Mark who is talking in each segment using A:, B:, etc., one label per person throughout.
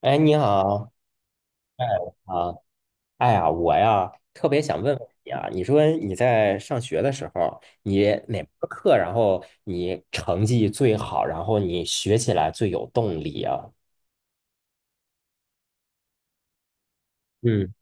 A: 哎，你好啊！哎呀，我呀特别想问问你啊，你说你在上学的时候，你哪门儿课，然后你成绩最好，然后你学起来最有动力啊？嗯。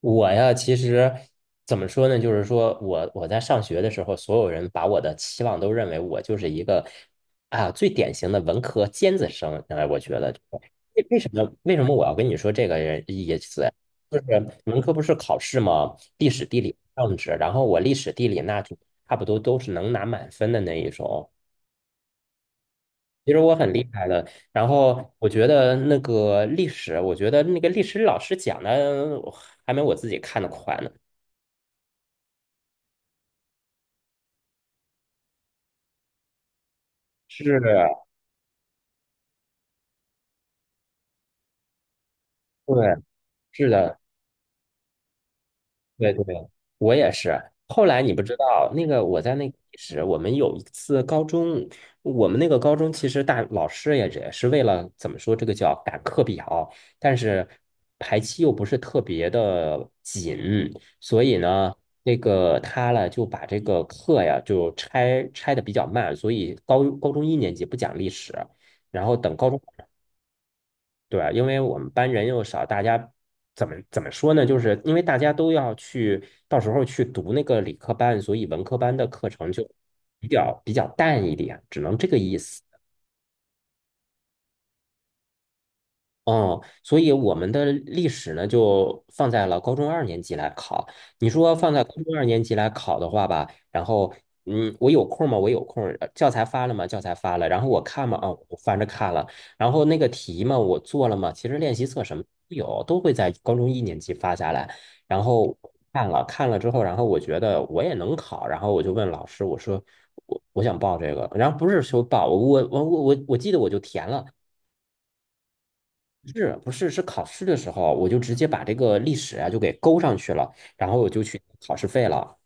A: 我呀，其实怎么说呢？就是说我在上学的时候，所有人把我的期望都认为我就是一个啊最典型的文科尖子生。哎，我觉得为什么我要跟你说这个人意思？就是文科不是考试吗？历史、地理、政治，然后我历史、地理那就差不多都是能拿满分的那一种。其实我很厉害的，然后我觉得那个历史，我觉得那个历史老师讲的还没我自己看的快呢。是，对，是的，对对，我也是。后来你不知道，那个我在那个历史，我们有一次高中，我们那个高中其实大老师也是为了怎么说，这个叫赶课表，但是排期又不是特别的紧，所以呢，那个他呢就把这个课呀就拆的比较慢，所以高中一年级不讲历史，然后等高中对啊，因为我们班人又少，大家怎么说呢？就是因为大家都要去，到时候去读那个理科班，所以文科班的课程就比较淡一点，只能这个意思。哦，所以我们的历史呢，就放在了高中二年级来考。你说放在高中二年级来考的话吧，然后，嗯，我有空吗？我有空儿教材发了吗？教材发了。然后我看吗？啊，我翻着看了。然后那个题嘛，我做了吗？其实练习册什么都有，都会在高中一年级发下来。然后看了看了之后，然后我觉得我也能考，然后我就问老师，我说我想报这个，然后不是说报，我记得我就填了。是不是是考试的时候，我就直接把这个历史啊就给勾上去了，然后我就去考试费了。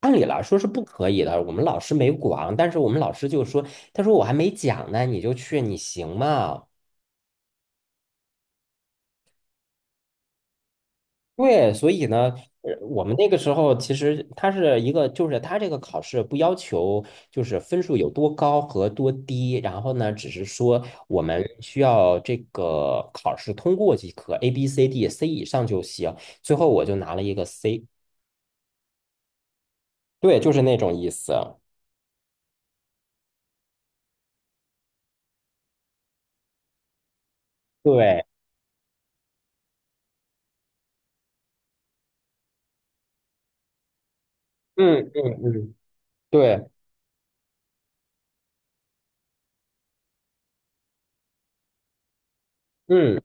A: 按理来说是不可以的，我们老师没管，但是我们老师就说，他说我还没讲呢，你就去，你行吗？对，所以呢，我们那个时候其实它是一个，就是它这个考试不要求就是分数有多高和多低，然后呢，只是说我们需要这个考试通过即可，A、B、C、D、C 以上就行。最后我就拿了一个 C。对，就是那种意思。对，嗯嗯嗯，对，嗯，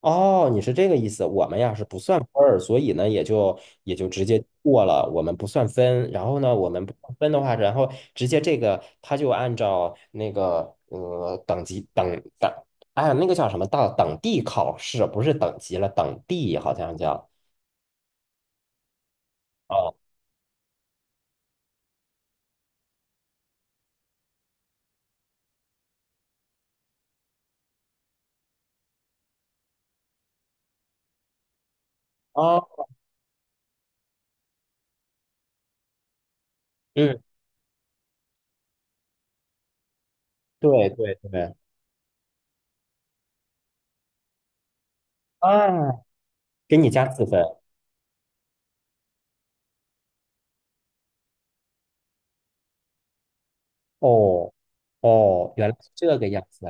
A: 哦，你是这个意思。我们呀是不算分儿，所以呢也就直接过了，我们不算分。然后呢，我们不算分的话，然后直接这个他就按照那个等级等，哎呀那个叫什么到等地考试，不是等级了，等地好像叫哦哦，嗯，对对对，啊，给你加4分哦。哦，原来是这个样子。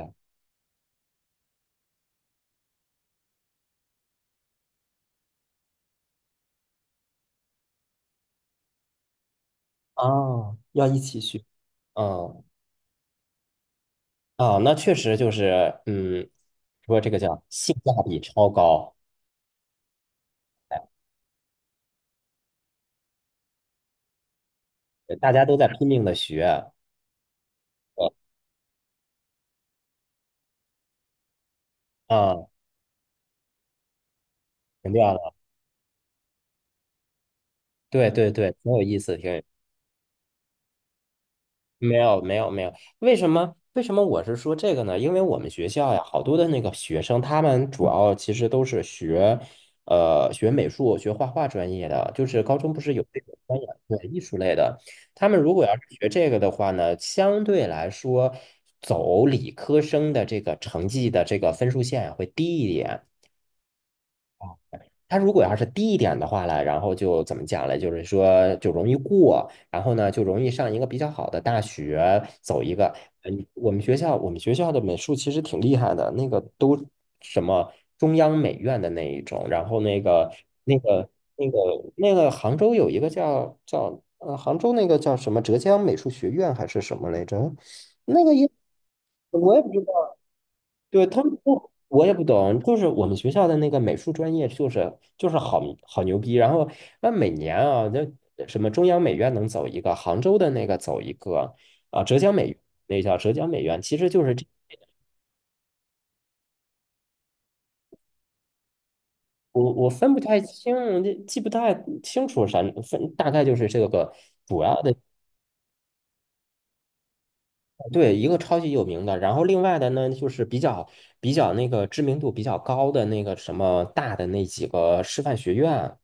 A: 哦，要一起学，嗯，啊，那确实就是，嗯，说这个叫性价比超高，哎，大家都在拼命的学，呃啊，停掉了，对对对，挺有意思，挺有没有没有没有，为什么我是说这个呢？因为我们学校呀，好多的那个学生，他们主要其实都是学，学美术、学画画专业的，就是高中不是有这个专业，对，艺术类的。他们如果要是学这个的话呢，相对来说，走理科生的这个成绩的这个分数线呀会低一点。它如果要是低一点的话呢，然后就怎么讲呢？就是说就容易过，然后呢就容易上一个比较好的大学，走一个。嗯，我们学校的美术其实挺厉害的，那个都什么中央美院的那一种，然后那个那个那个杭州有一个叫杭州那个叫什么浙江美术学院还是什么来着？那个也我也不知对，他们不，我也不懂，就是我们学校的那个美术专业，就是好牛逼。然后那每年啊，那什么中央美院能走一个，杭州的那个走一个，啊，浙江美那叫浙江美院，其实就是这，我分不太清，这记不太清楚啥分，大概就是这个主要的，对，一个超级有名的，然后另外的呢，就是比较那个知名度比较高的那个什么大的那几个师范学院。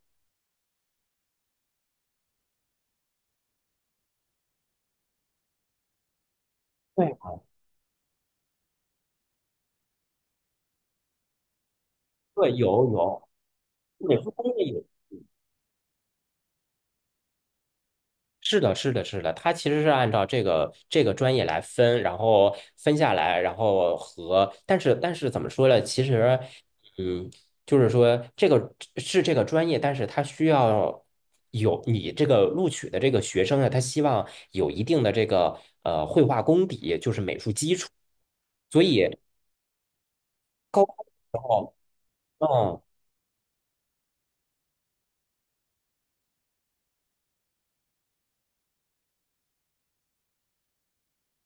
A: 对对，有有。美术工业也是的，是的，是的，它其实是按照这个专业来分，然后分下来，然后和，但是怎么说呢？其实，嗯，就是说这个是这个专业，但是它需要有你这个录取的这个学生啊，他希望有一定的这个绘画功底，就是美术基础，所以高，嗯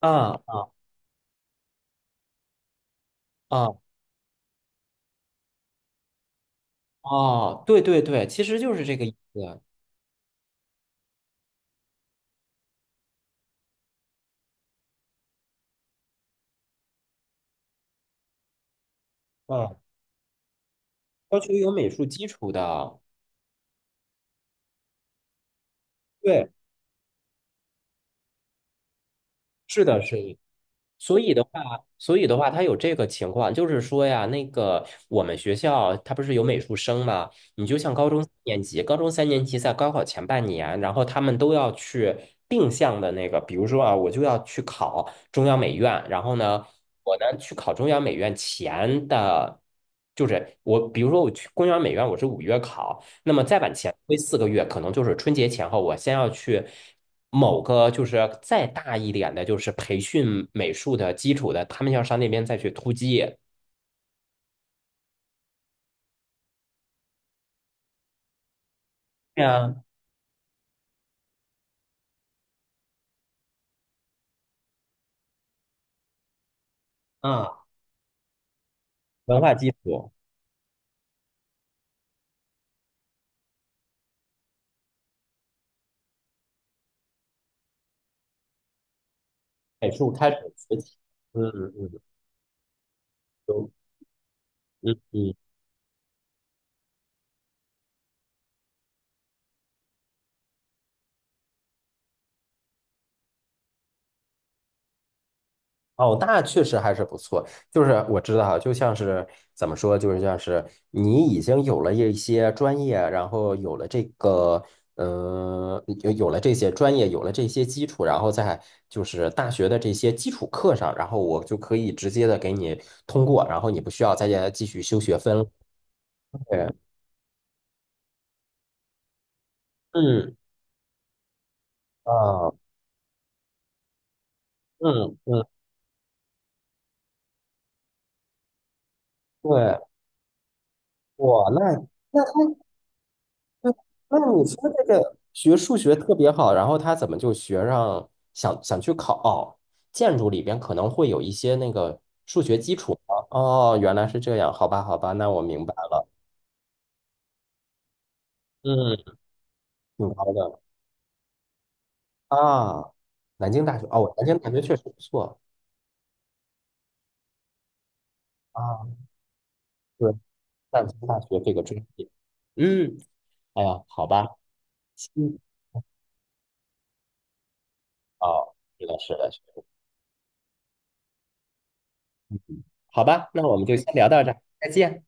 A: 啊啊哦，对对对，其实就是这个意思，嗯，要求有美术基础的。对。是的，是的。所以的话，所以的话，他有这个情况，就是说呀，那个我们学校他不是有美术生嘛？你就像高中三年级，高中三年级在高考前半年，然后他们都要去定向的那个，比如说啊，我就要去考中央美院，然后呢，我呢去考中央美院前的，就是我，比如说我去中央美院，我是5月考，那么再往前推4个月，可能就是春节前后，我先要去某个就是再大一点的，就是培训美术的基础的，他们要上那边再去突击。对啊，嗯，文化基础，美术开始学习。嗯嗯嗯，嗯嗯。嗯哦，那确实还是不错。就是我知道，就像是怎么说，就是像是你已经有了一些专业，然后有了这个，有这些专业，有了这些基础，然后在就是大学的这些基础课上，然后我就可以直接的给你通过，然后你不需要再继续修学分了对，嗯，啊，嗯嗯，对，哇，那。那你说这个学数学特别好，然后他怎么就学上去考哦建筑里边可能会有一些那个哦，原来是这样，好吧，好吧，那我明白了，嗯，挺高的啊，南京大学哦，南京大学确实不错啊，对，南京大学这个专业，嗯，哎呀，好吧，嗯，哦，是的，是的，是的，嗯好吧，那我们就先聊到这儿，再见。